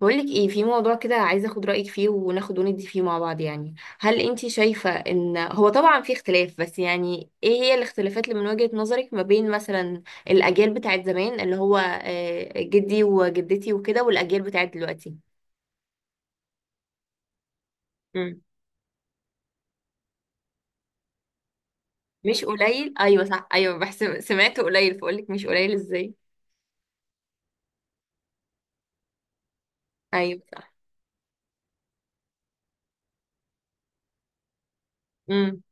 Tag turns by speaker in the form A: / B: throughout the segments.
A: بقولك ايه في موضوع كده، عايزه اخد رايك فيه وناخد وندي فيه مع بعض يعني. هل انتي شايفه ان هو طبعا في اختلاف، بس يعني ايه هي الاختلافات اللي من وجهه نظرك ما بين مثلا الاجيال بتاعت زمان اللي هو جدي وجدتي وكده، والاجيال بتاعت دلوقتي؟ مم. مش قليل؟ ايوه صح، ايوه بحسب سمعت قليل، فقولك مش قليل ازاي؟ ايوه صح. امم.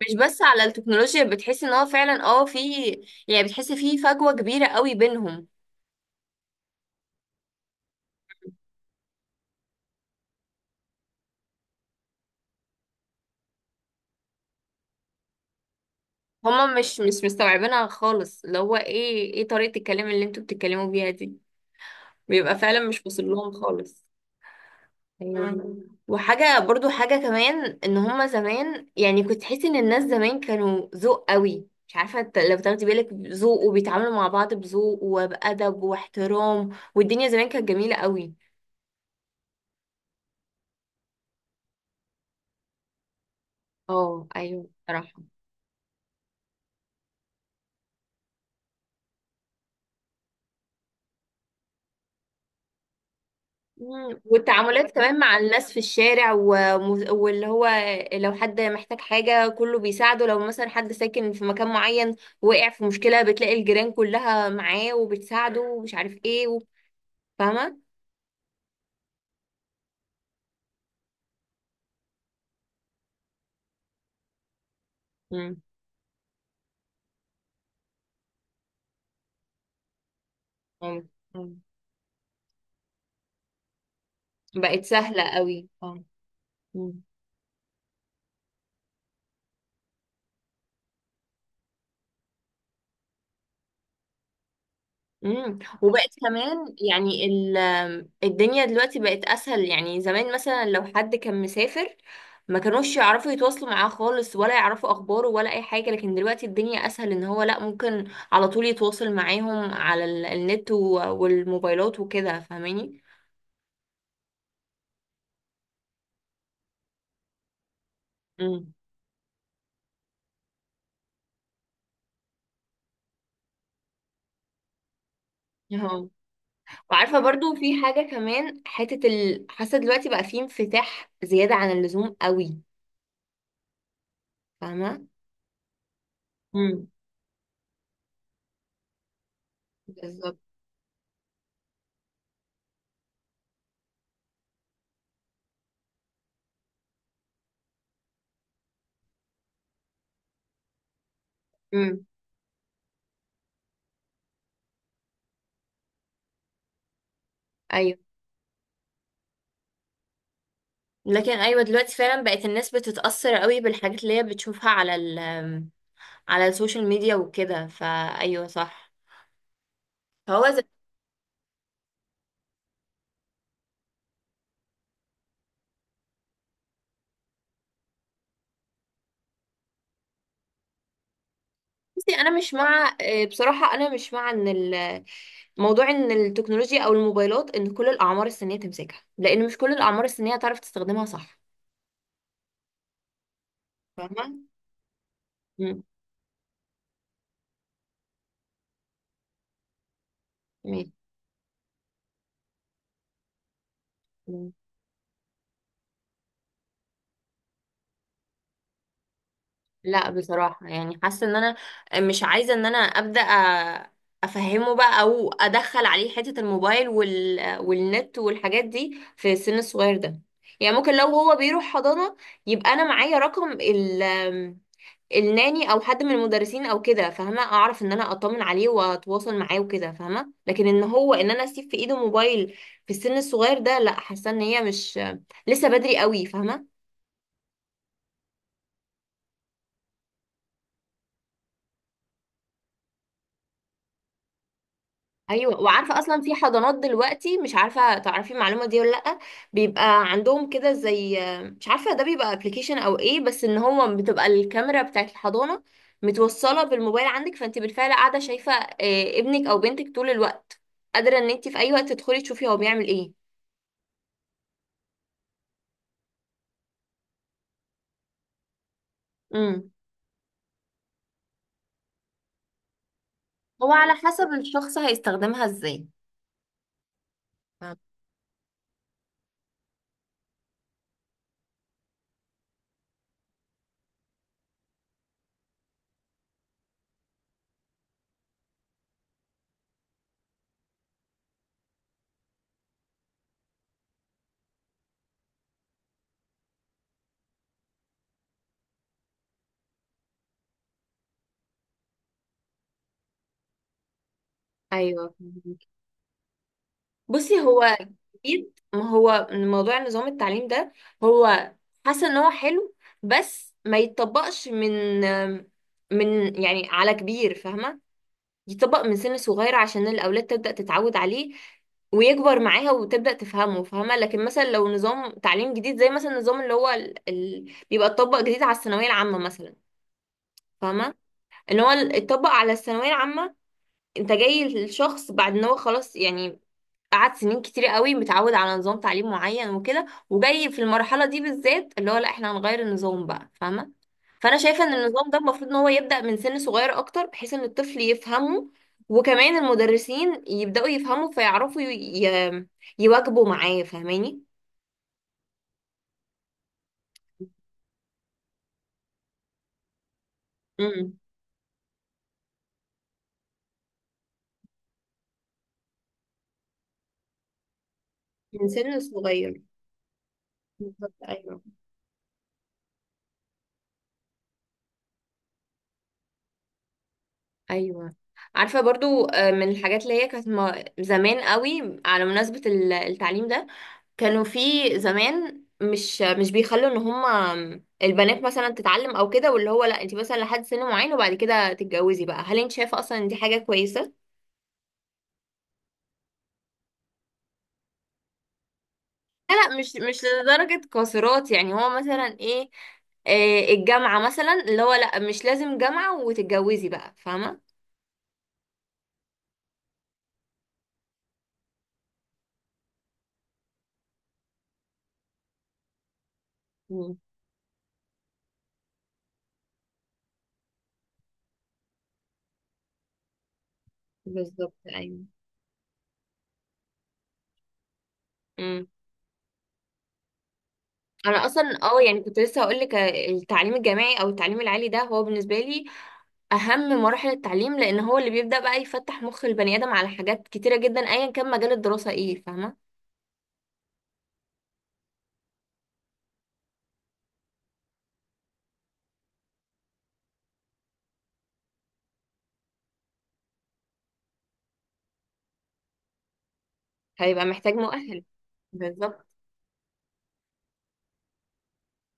A: مش بس على التكنولوجيا، بتحسي ان هو فعلا في، يعني بتحسي في فجوه كبيره قوي بينهم. هما مش مستوعبينها خالص، اللي هو ايه ايه طريقة الكلام اللي انتوا بتتكلموا بيها دي، بيبقى فعلا مش واصل لهم خالص. ايوه، مم. وحاجة برضو، حاجة كمان ان هما زمان، يعني كنت تحسي ان الناس زمان كانوا ذوق قوي، مش عارفة لو تاخدي بالك، ذوق، وبيتعاملوا مع بعض بذوق وبأدب واحترام، والدنيا زمان كانت جميلة قوي. اه ايوه صراحة. مم. والتعاملات كمان مع الناس في الشارع، واللي هو لو حد محتاج حاجة كله بيساعده، لو مثلا حد ساكن في مكان معين وقع في مشكلة بتلاقي الجيران كلها معاه وبتساعده ومش عارف ايه فاهمة. مم. مم. مم. بقت سهلة قوي اه. مم. وبقت كمان يعني الدنيا دلوقتي بقت اسهل، يعني زمان مثلا لو حد كان مسافر ما كانوش يعرفوا يتواصلوا معاه خالص، ولا يعرفوا اخباره، ولا اي حاجه، لكن دلوقتي الدنيا اسهل ان هو لا ممكن على طول يتواصل معاهم على النت والموبايلات وكده فاهماني. امم. اهو. وعارفه برضو في حاجه كمان، حته حاسه دلوقتي بقى في انفتاح زياده عن اللزوم قوي فاهمه. امم. بالظبط. امم. ايوه. لكن ايوه، دلوقتي فعلا بقت الناس بتتأثر قوي بالحاجات اللي هي بتشوفها على على السوشيال ميديا وكده، فايوه صح. فهو زي. بصي انا مش مع، بصراحة انا مش مع ان موضوع ان التكنولوجيا او الموبايلات ان كل الاعمار السنية تمسكها، لان مش كل الاعمار السنية تعرف تستخدمها صح فاهمة. مم. مم. لا بصراحة، يعني حاسة ان انا مش عايزة ان انا افهمه بقى او ادخل عليه حتة الموبايل والنت والحاجات دي في السن الصغير ده، يعني ممكن لو هو بيروح حضانة يبقى انا معايا رقم الناني او حد من المدرسين او كده فاهمة، اعرف ان انا اطمن عليه واتواصل معاه وكده فاهمة، لكن ان هو ان انا اسيب في ايده موبايل في السن الصغير ده لا، حاسة ان هي مش لسه، بدري قوي فاهمة. ايوه، وعارفه اصلا في حضانات دلوقتي، مش عارفه تعرفي المعلومه دي ولا لا، بيبقى عندهم كده زي، مش عارفه ده بيبقى ابلكيشن او ايه، بس ان هو بتبقى الكاميرا بتاعت الحضانه متوصله بالموبايل عندك، فانت بالفعل قاعده شايفه ابنك او بنتك طول الوقت، قادره ان انت في اي وقت تدخلي تشوفي هو بيعمل ايه. امم. هو على حسب الشخص هيستخدمها ازاي، فاهمة؟ ايوه. بصي هو جديد، ما هو موضوع نظام التعليم ده هو حاسه ان هو حلو، بس ما يتطبقش من يعني على كبير فاهمه، يتطبق من سن صغير عشان الاولاد تبدا تتعود عليه، ويكبر معاها وتبدأ تفهمه فاهمة. لكن مثلا لو نظام تعليم جديد زي مثلا النظام اللي هو بيبقى اتطبق جديد على الثانوية العامة مثلا فاهمة، ان هو اتطبق على الثانوية العامة، انت جاي الشخص بعد ان هو خلاص يعني قعدت سنين كتير قوي متعود على نظام تعليم معين وكده، وجاي في المرحلة دي بالذات اللي هو لا، احنا هنغير النظام بقى فاهمة. فانا شايفة ان النظام ده المفروض ان هو يبدأ من سن صغير اكتر، بحيث ان الطفل يفهمه، وكمان المدرسين يبدأوا يفهموا فيعرفوا ي... يواكبوا معاه فاهماني. امم. من سن صغير بالظبط ايوه. ايوه. عارفة برضو، من الحاجات اللي هي كانت زمان قوي على مناسبة التعليم ده، كانوا في زمان مش بيخلوا ان هما البنات مثلا تتعلم او كده، واللي هو لا انت مثلا لحد سن معين وبعد كده تتجوزي بقى، هل انت شايفه اصلا ان دي حاجه كويسه؟ لا، لا، مش لدرجه قاصرات، يعني هو مثلا ايه، الجامعه مثلا، اللي هو لا مش لازم جامعه وتتجوزي بقى فاهمه. مم، بالظبط ايوه. مم. انا اصلا يعني كنت لسه هقول لك، التعليم الجامعي او التعليم العالي ده هو بالنسبه لي اهم مراحل التعليم، لان هو اللي بيبدأ بقى يفتح مخ البني ادم على حاجات كتيرة جدا، ايا كان مجال الدراسة ايه فاهمة. هيبقى محتاج مؤهل. بالظبط.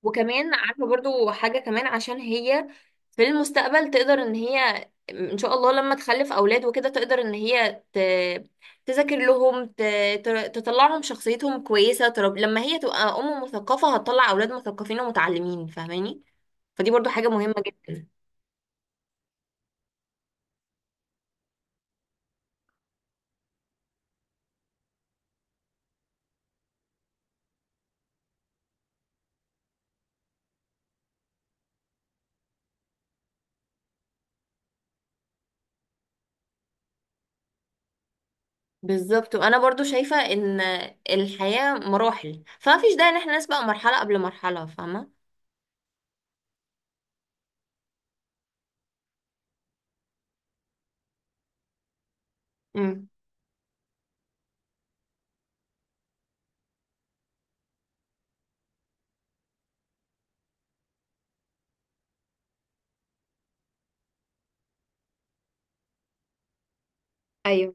A: وكمان عارفة برضو حاجة كمان، عشان هي في المستقبل تقدر ان هي، ان شاء الله لما تخلف اولاد وكده، تقدر ان هي تذاكر لهم، تطلعهم شخصيتهم كويسة، لما هي تبقى ام مثقفة هتطلع اولاد مثقفين ومتعلمين فاهماني، فدي برضو حاجة مهمة جدا. بالظبط، وانا برضو شايفة ان الحياة مراحل، فمفيش داعي ان احنا نسبق مرحلة قبل مرحلة فاهمة. امم. ايوه.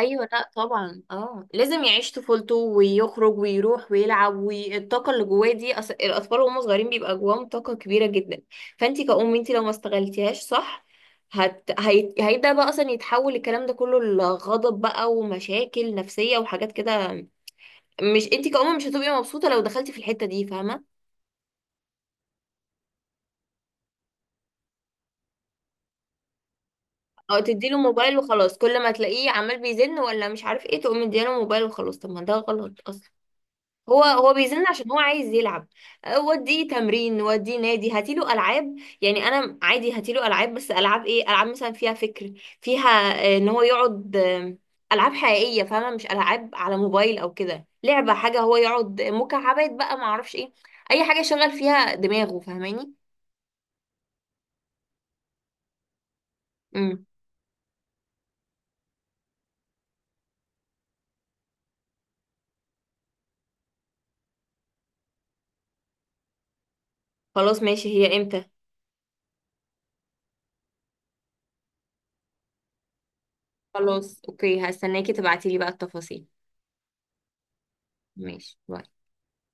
A: ايوه، لا طبعا، اه لازم يعيش طفولته ويخرج ويروح ويلعب، والطاقه اللي جواه دي، الاطفال وهم صغيرين بيبقى جواهم طاقه كبيره جدا، فانت كأم انت لو ما استغلتيهاش صح هيبدا بقى اصلا يتحول الكلام ده كله لغضب بقى ومشاكل نفسيه وحاجات كده، مش انت كأم مش هتبقي مبسوطه لو دخلتي في الحته دي فاهمه. او تديله موبايل وخلاص، كل ما تلاقيه عمال بيزن ولا مش عارف ايه تقوم مديله موبايل وخلاص، طب ما ده غلط اصلا، هو بيزن عشان هو عايز يلعب. وديه تمرين وديه نادي، هاتيله العاب، يعني انا عادي هاتيله العاب، بس العاب ايه؟ العاب مثلا فيها فكر، فيها ان هو يقعد، العاب حقيقيه فاهمه، مش العاب على موبايل او كده، لعبه، حاجه هو يقعد مكعبات بقى ما اعرفش ايه، اي حاجه يشغل فيها دماغه فاهماني. امم. خلاص ماشي، هي امتى؟ خلاص اوكي، هستناكي تبعتيلي بقى التفاصيل. ماشي باي.